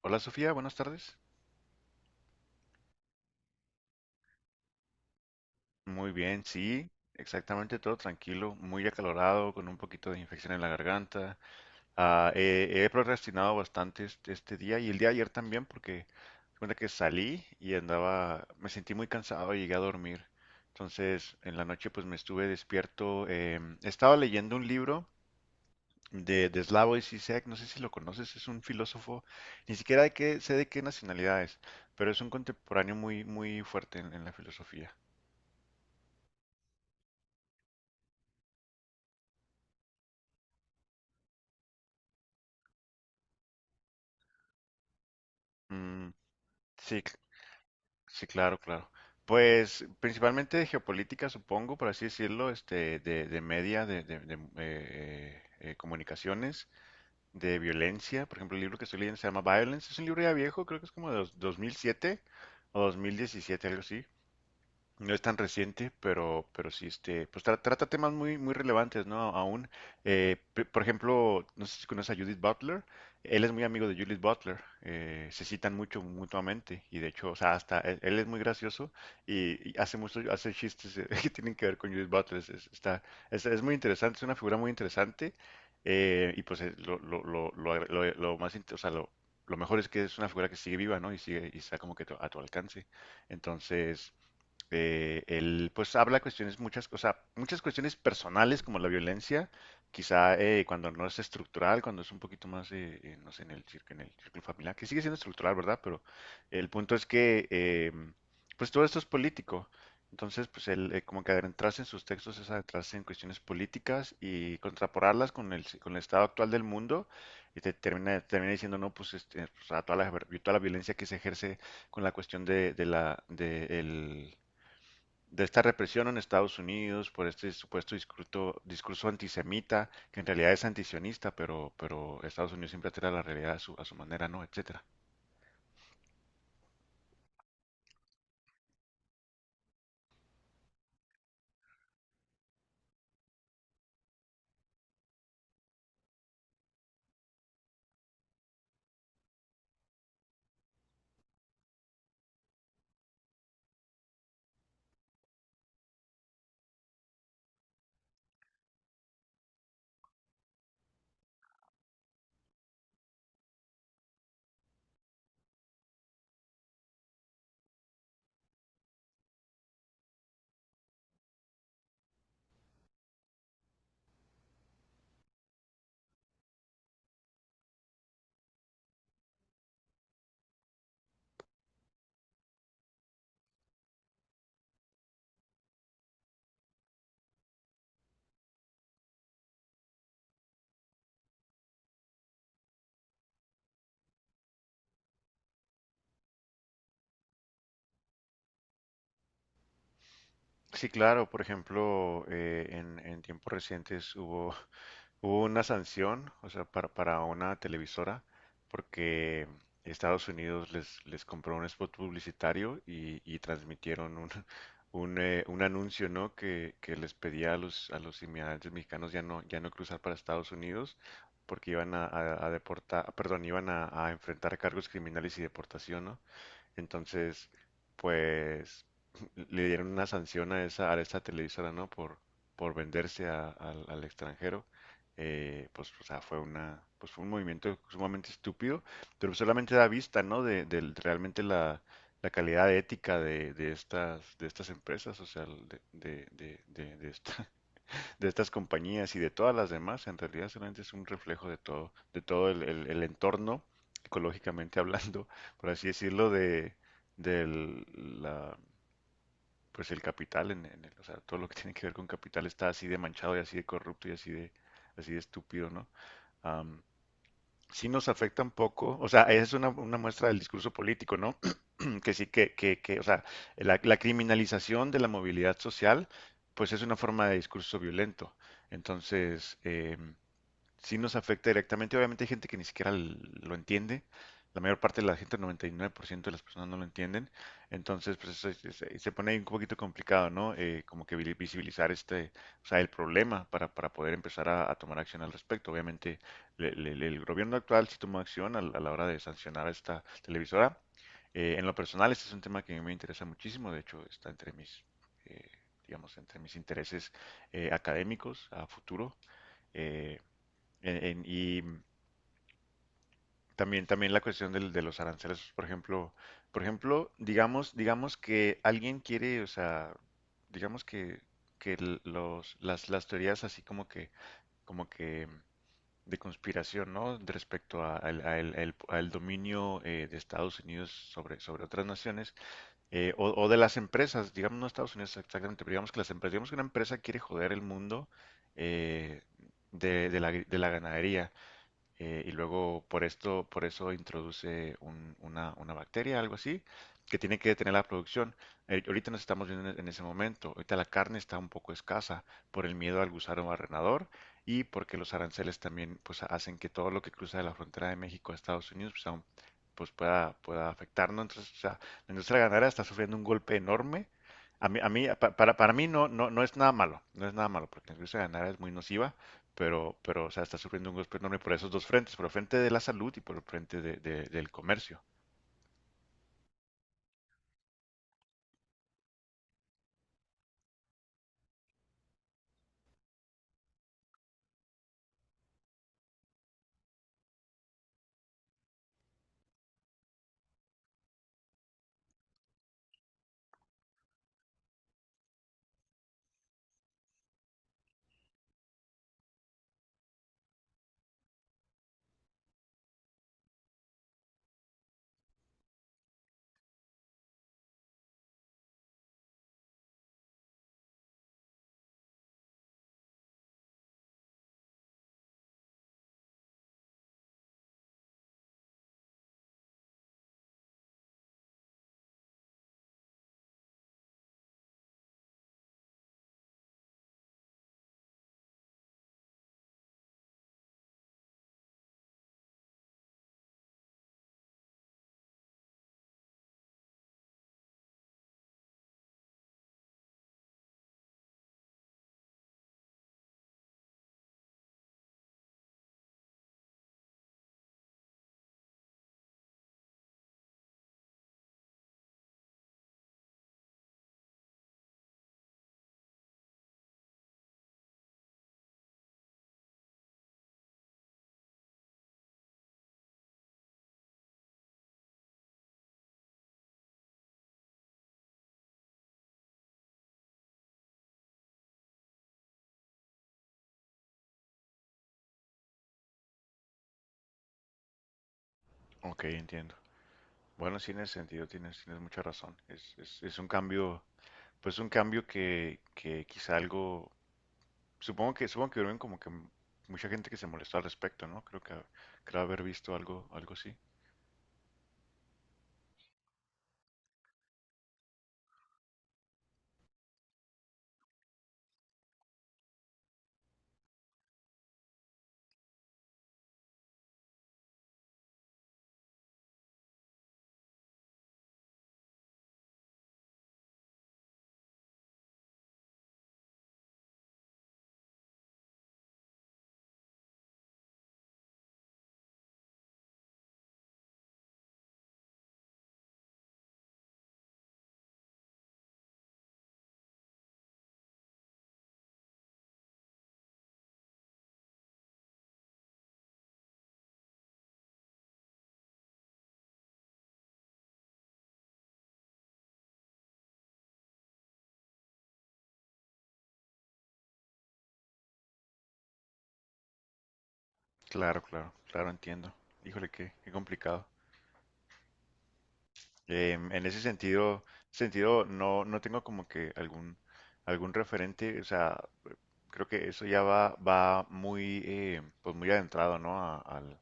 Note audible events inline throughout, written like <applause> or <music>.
Hola, Sofía, buenas tardes. Muy bien, sí, exactamente todo tranquilo, muy acalorado, con un poquito de infección en la garganta. He procrastinado bastante este día y el día de ayer también porque se cuenta que salí y andaba, me sentí muy cansado y llegué a dormir. Entonces en la noche pues me estuve despierto. Estaba leyendo un libro de Slavoj Zizek, no sé si lo conoces, es un filósofo, ni siquiera de qué, sé de qué nacionalidad es, pero es un contemporáneo muy, muy fuerte en la filosofía. Mm, sí, cl- sí, claro, claro. Pues principalmente de geopolítica, supongo, por así decirlo, este, de media, comunicaciones, de violencia. Por ejemplo, el libro que estoy leyendo se llama Violence. Es un libro ya viejo, creo que es como de 2007 o 2017, algo así. No es tan reciente, pero sí, este, pues trata temas muy, muy relevantes, ¿no? Aún, por ejemplo, no sé si conoces a Judith Butler, él es muy amigo de Judith Butler, se citan mucho mutuamente, y de hecho, o sea, hasta él, él es muy gracioso y hace mucho, hace chistes <laughs> que tienen que ver con Judith Butler, es muy interesante, es una figura muy interesante, y pues lo, agra- lo más, int- o sea, lo mejor es que es una figura que sigue viva, ¿no? Y sigue, y está como que a tu alcance. Entonces, él pues habla cuestiones, muchas, o sea, muchas cuestiones personales como la violencia, quizá cuando no es estructural, cuando es un poquito más, no sé, en el, en el círculo familiar, que sigue siendo estructural, ¿verdad? Pero el punto es que pues todo esto es político. Entonces, pues él como que adentrarse en sus textos es adentrarse en cuestiones políticas y contraporarlas con el estado actual del mundo y te termina, termina diciendo, no, pues, este, o sea, toda la violencia que se ejerce con la cuestión de la, de esta represión en Estados Unidos por este supuesto discurso antisemita, que en realidad es antisionista, pero Estados Unidos siempre altera la realidad a su manera, ¿no? Etcétera. Sí, claro, por ejemplo, en tiempos recientes hubo una sanción, o sea, para una televisora, porque Estados Unidos les, les compró un spot publicitario y transmitieron un, <laughs> un anuncio, ¿no? Que les pedía a los inmigrantes mexicanos ya no, ya no cruzar para Estados Unidos porque iban a deportar, perdón, iban a enfrentar cargos criminales y deportación, ¿no? Entonces, pues <laughs> le dieron una sanción a esa televisora, ¿no? Por venderse al extranjero. Pues, o sea, fue una, pues fue un movimiento sumamente estúpido, pero solamente da vista, ¿no? Realmente la, la calidad ética de estas empresas, o sea, de esta, de estas compañías y de todas las demás, en realidad solamente es un reflejo de todo el entorno, ecológicamente <laughs> hablando, por así decirlo, del, la, pues el capital, o sea, todo lo que <laughs> tiene que ver con capital está así de manchado y así de corrupto y así de estúpido, ¿no? Am, sí nos afecta un poco, o sea, es una muestra del discurso político, ¿no? Mm, que sí, que o sea, la criminalización de la movilidad social, pues es una forma de discurso violento. Entonces, sí nos afecta directamente. Obviamente hay gente que ni siquiera lo entiende. La mayor parte de la gente, el 99% de las personas no lo entienden. Entonces, pues eso se pone ahí un poquito complicado, ¿no? Como que visibilizar este, o sea, el problema para poder empezar a tomar acción al respecto. Obviamente, el gobierno actual sí tomó acción a la hora de sancionar a esta televisora. En lo personal, este es un tema que a mí me interesa muchísimo. De hecho, está entre mis, eh, digamos, entre mis intereses académicos a futuro. Eh, y también, también la cuestión de los aranceles, por ejemplo, digamos, digamos que alguien quiere, o sea, digamos que las teorías así como que de conspiración, ¿no? De respecto a- al, a el- al dominio de Estados Unidos sobre, sobre otras naciones, o de las empresas, digamos, no Estados Unidos exactamente, pero digamos que las empresas, digamos que una empresa quiere joder el mundo eh, de la, de la ganadería, y luego por esto, por eso introduce una bacteria, algo así, que tiene que detener la producción. Ahorita nos estamos viendo en ese momento. Ahorita la carne está un poco escasa por el miedo al gusano barrenador y porque los aranceles también pues hacen que todo lo que cruza de la frontera de México a Estados Unidos pues, aún, pues, pueda, pueda afectarnos. Entonces, o sea, la industria ganadera está sufriendo un golpe enorme. A mí, para mí no, no, no es nada malo, no es nada malo, porque la industria ganadera es muy nociva, pero, o sea, está sufriendo un costo enorme por esos dos frentes, por el frente de la salud y por el frente del comercio. Ok, entiendo. Bueno, sí, en ese sentido tienes, tienes mucha razón. Es un cambio, pues un cambio que quizá algo, supongo que hubieron como que mucha gente que se molestó al respecto, ¿no? Creo haber visto algo, algo así. Claro, claro, claro, entiendo. Híjole, qué, qué complicado. Em, en ese sentido, sentido no, no tengo como que algún, algún referente, o sea, creo que eso ya va, va muy, pues muy adentrado, ¿no?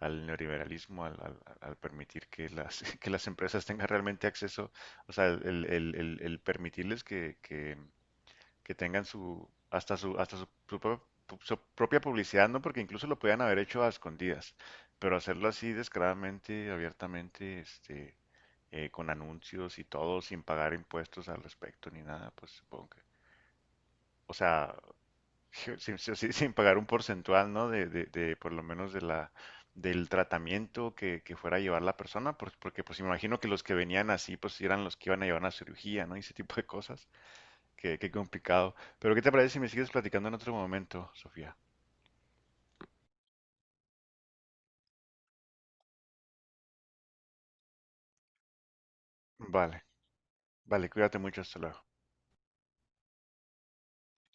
Al neoliberalismo, al permitir que las, <laughs> que las empresas tengan realmente acceso, o sea, el permitirles que, que tengan su, hasta su, hasta su, su propia publicidad, ¿no? Porque incluso lo podían haber hecho a escondidas, pero hacerlo así descaradamente, abiertamente, este, con anuncios y todo, sin pagar impuestos al respecto ni nada, pues supongo que, o sea, sin pagar un porcentual, ¿no? De, por lo menos, de la, del tratamiento que fuera a llevar la persona, porque pues imagino que los que venían así, pues eran los que iban a llevar una cirugía, ¿no? Y ese tipo de cosas. Qué, qué complicado. Pero ¿qué te parece si me sigues platicando en otro momento, Sofía? Vale, vale, cuídate mucho, hasta luego.